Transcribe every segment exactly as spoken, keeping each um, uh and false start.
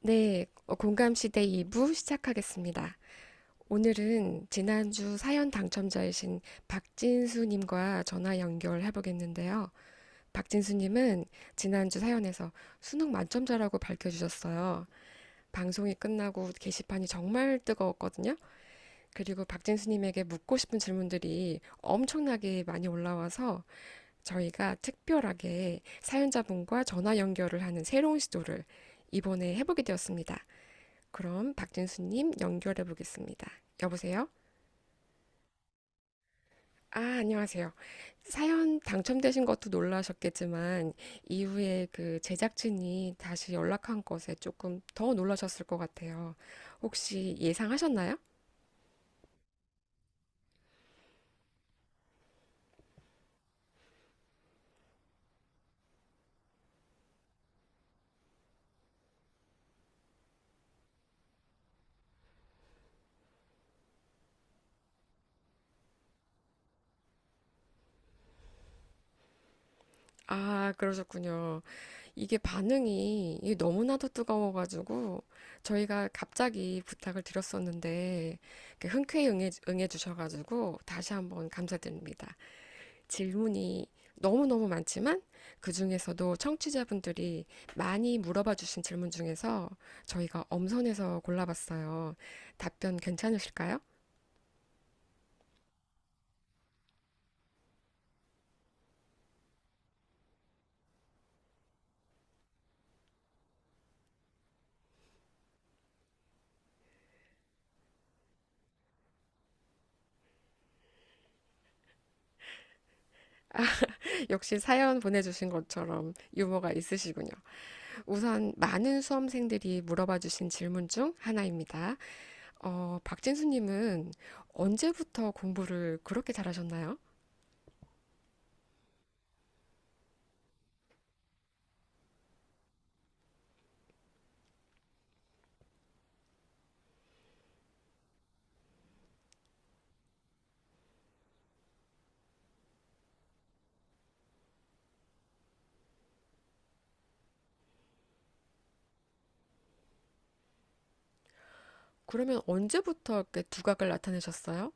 네, 어, 공감시대 이 부 시작하겠습니다. 오늘은 지난주 사연 당첨자이신 박진수님과 전화 연결해보겠는데요. 박진수님은 지난주 사연에서 수능 만점자라고 밝혀주셨어요. 방송이 끝나고 게시판이 정말 뜨거웠거든요. 그리고 박진수님에게 묻고 싶은 질문들이 엄청나게 많이 올라와서 저희가 특별하게 사연자분과 전화 연결을 하는 새로운 시도를 이번에 해보게 되었습니다. 그럼 박진수님 연결해 보겠습니다. 여보세요? 아, 안녕하세요. 사연 당첨되신 것도 놀라셨겠지만, 이후에 그 제작진이 다시 연락한 것에 조금 더 놀라셨을 것 같아요. 혹시 예상하셨나요? 아, 그러셨군요. 이게 반응이 이게 너무나도 뜨거워가지고, 저희가 갑자기 부탁을 드렸었는데, 이렇게 흔쾌히 응해, 응해주셔가지고, 다시 한번 감사드립니다. 질문이 너무너무 많지만 그 중에서도 청취자분들이 많이 물어봐 주신 질문 중에서 저희가 엄선해서 골라봤어요. 답변 괜찮으실까요? 역시 사연 보내주신 것처럼 유머가 있으시군요. 우선 많은 수험생들이 물어봐 주신 질문 중 하나입니다. 어, 박진수님은 언제부터 공부를 그렇게 잘하셨나요? 그러면 언제부터 이렇게 두각을 나타내셨어요?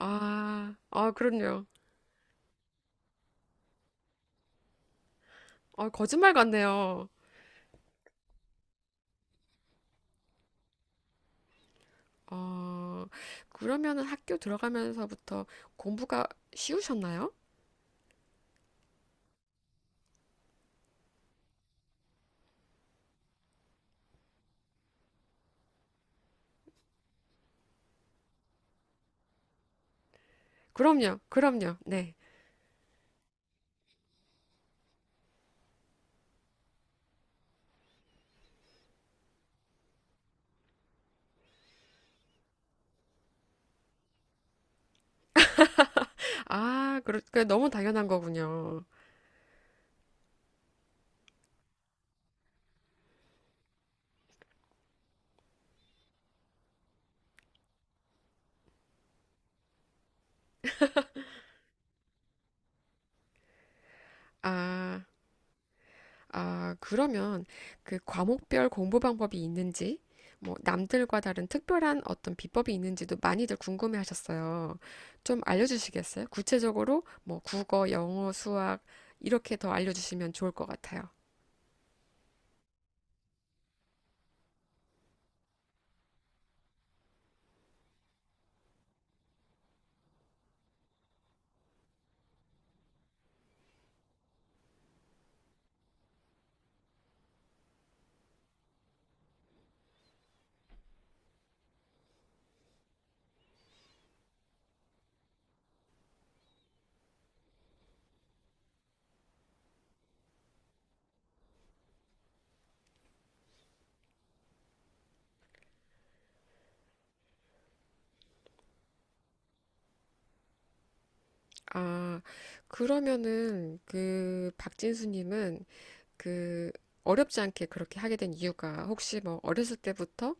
아, 아, 그럼요. 아, 거짓말 같네요. 어, 그러면은 학교 들어가면서부터 공부가 쉬우셨나요? 그럼요, 그럼요, 네. 아, 그러니까 너무 당연한 거군요. 아, 아, 그러면 그 과목별 공부 방법이 있는지, 뭐 남들과 다른 특별한 어떤 비법이 있는지도 많이들 궁금해 하셨어요. 좀 알려주시겠어요? 구체적으로 뭐 국어, 영어, 수학 이렇게 더 알려주시면 좋을 것 같아요. 아, 그러면은 그 박진수님은 그 어렵지 않게 그렇게 하게 된 이유가 혹시 뭐 어렸을 때부터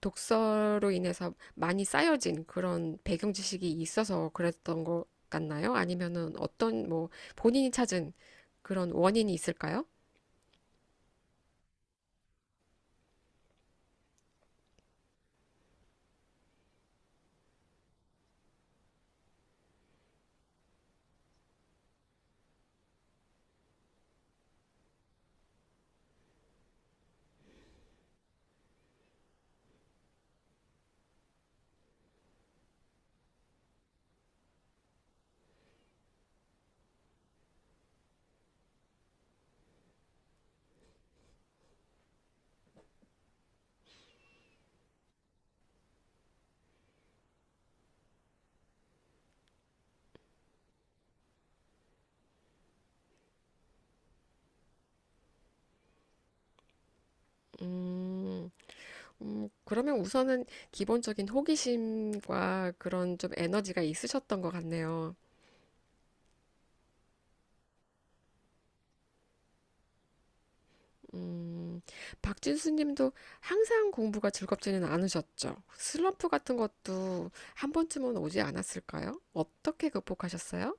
독서로 인해서 많이 쌓여진 그런 배경 지식이 있어서 그랬던 것 같나요? 아니면은 어떤 뭐 본인이 찾은 그런 원인이 있을까요? 음, 음, 그러면 우선은 기본적인 호기심과 그런 좀 에너지가 있으셨던 것 같네요. 음, 박진수 님도 항상 공부가 즐겁지는 않으셨죠. 슬럼프 같은 것도 한 번쯤은 오지 않았을까요? 어떻게 극복하셨어요?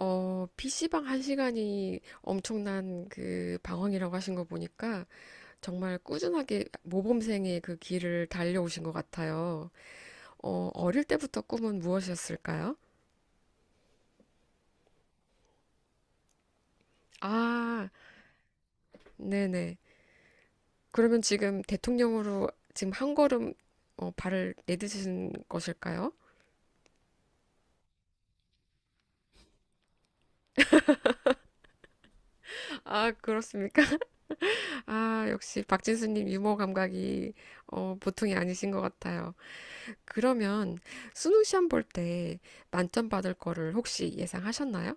어, 피씨방 한 시간이 엄청난 그 방황이라고 하신 거 보니까 정말 꾸준하게 모범생의 그 길을 달려오신 것 같아요. 어, 어릴 때부터 꿈은 무엇이었을까요? 아, 네네. 그러면 지금 대통령으로 지금 한 걸음 어, 발을 내딛으신 것일까요? 아, 그렇습니까? 아, 역시 박진수님 유머 감각이 어, 보통이 아니신 것 같아요. 그러면 수능 시험 볼 때 만점 받을 거를 혹시 예상하셨나요?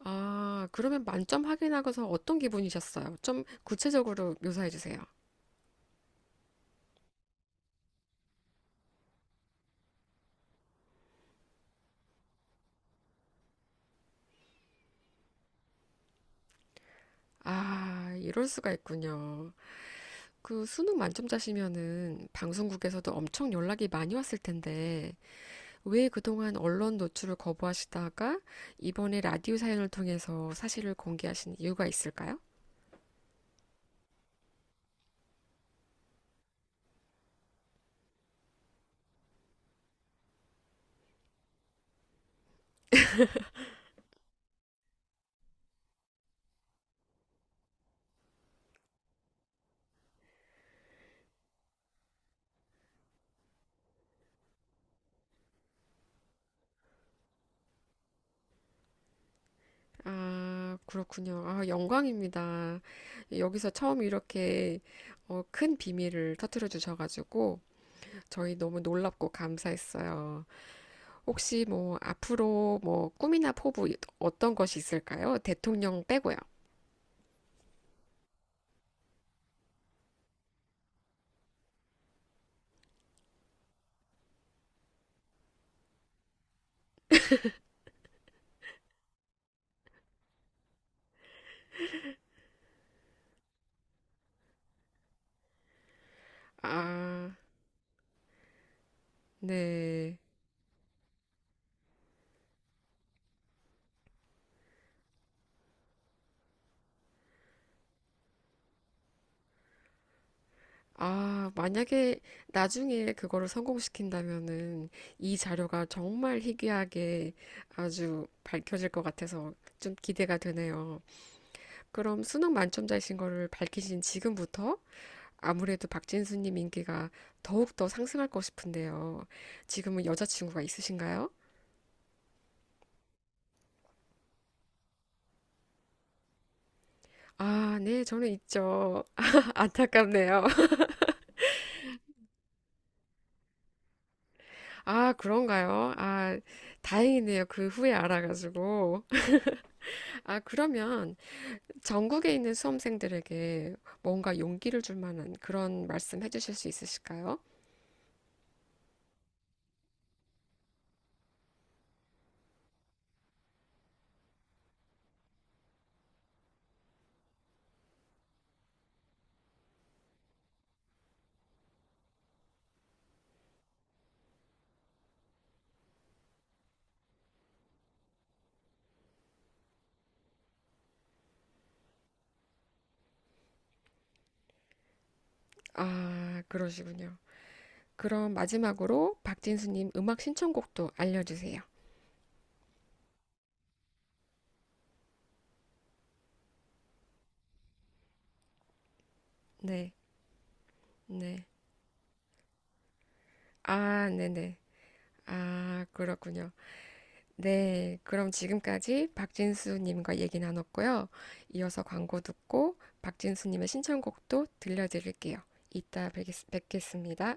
아, 그러면 만점 확인하고서 어떤 기분이셨어요? 좀 구체적으로 묘사해 주세요. 아, 이럴 수가 있군요. 그 수능 만점자시면은 방송국에서도 엄청 연락이 많이 왔을 텐데 왜 그동안 언론 노출을 거부하시다가 이번에 라디오 사연을 통해서 사실을 공개하신 이유가 있을까요? 아, 그렇군요. 아, 영광입니다. 여기서 처음 이렇게 어, 큰 비밀을 터뜨려 주셔가지고 저희 너무 놀랍고 감사했어요. 혹시 뭐 앞으로 뭐 꿈이나 포부 어떤 것이 있을까요? 대통령 빼고요. 아, 네. 아, 만약에 나중에 그거를 성공시킨다면은 이 자료가 정말 희귀하게 아주 밝혀질 것 같아서 좀 기대가 되네요. 그럼 수능 만점자이신 거를 밝히신 지금부터 아무래도 박진수님 인기가 더욱 더 상승할 것 싶은데요. 지금은 여자친구가 있으신가요? 아, 네, 저는 있죠. 안타깝네요. 아, 그런가요? 아, 다행이네요. 그 후에 알아가지고. 아, 그러면 전국에 있는 수험생들에게 뭔가 용기를 줄 만한 그런 말씀 해주실 수 있으실까요? 아, 그러시군요. 그럼 마지막으로 박진수님 음악 신청곡도 알려주세요. 네, 네. 아, 네네. 아, 그렇군요. 네, 그럼 지금까지 박진수님과 얘기 나눴고요. 이어서 광고 듣고 박진수님의 신청곡도 들려드릴게요. 이따 뵙겠, 뵙겠습니다.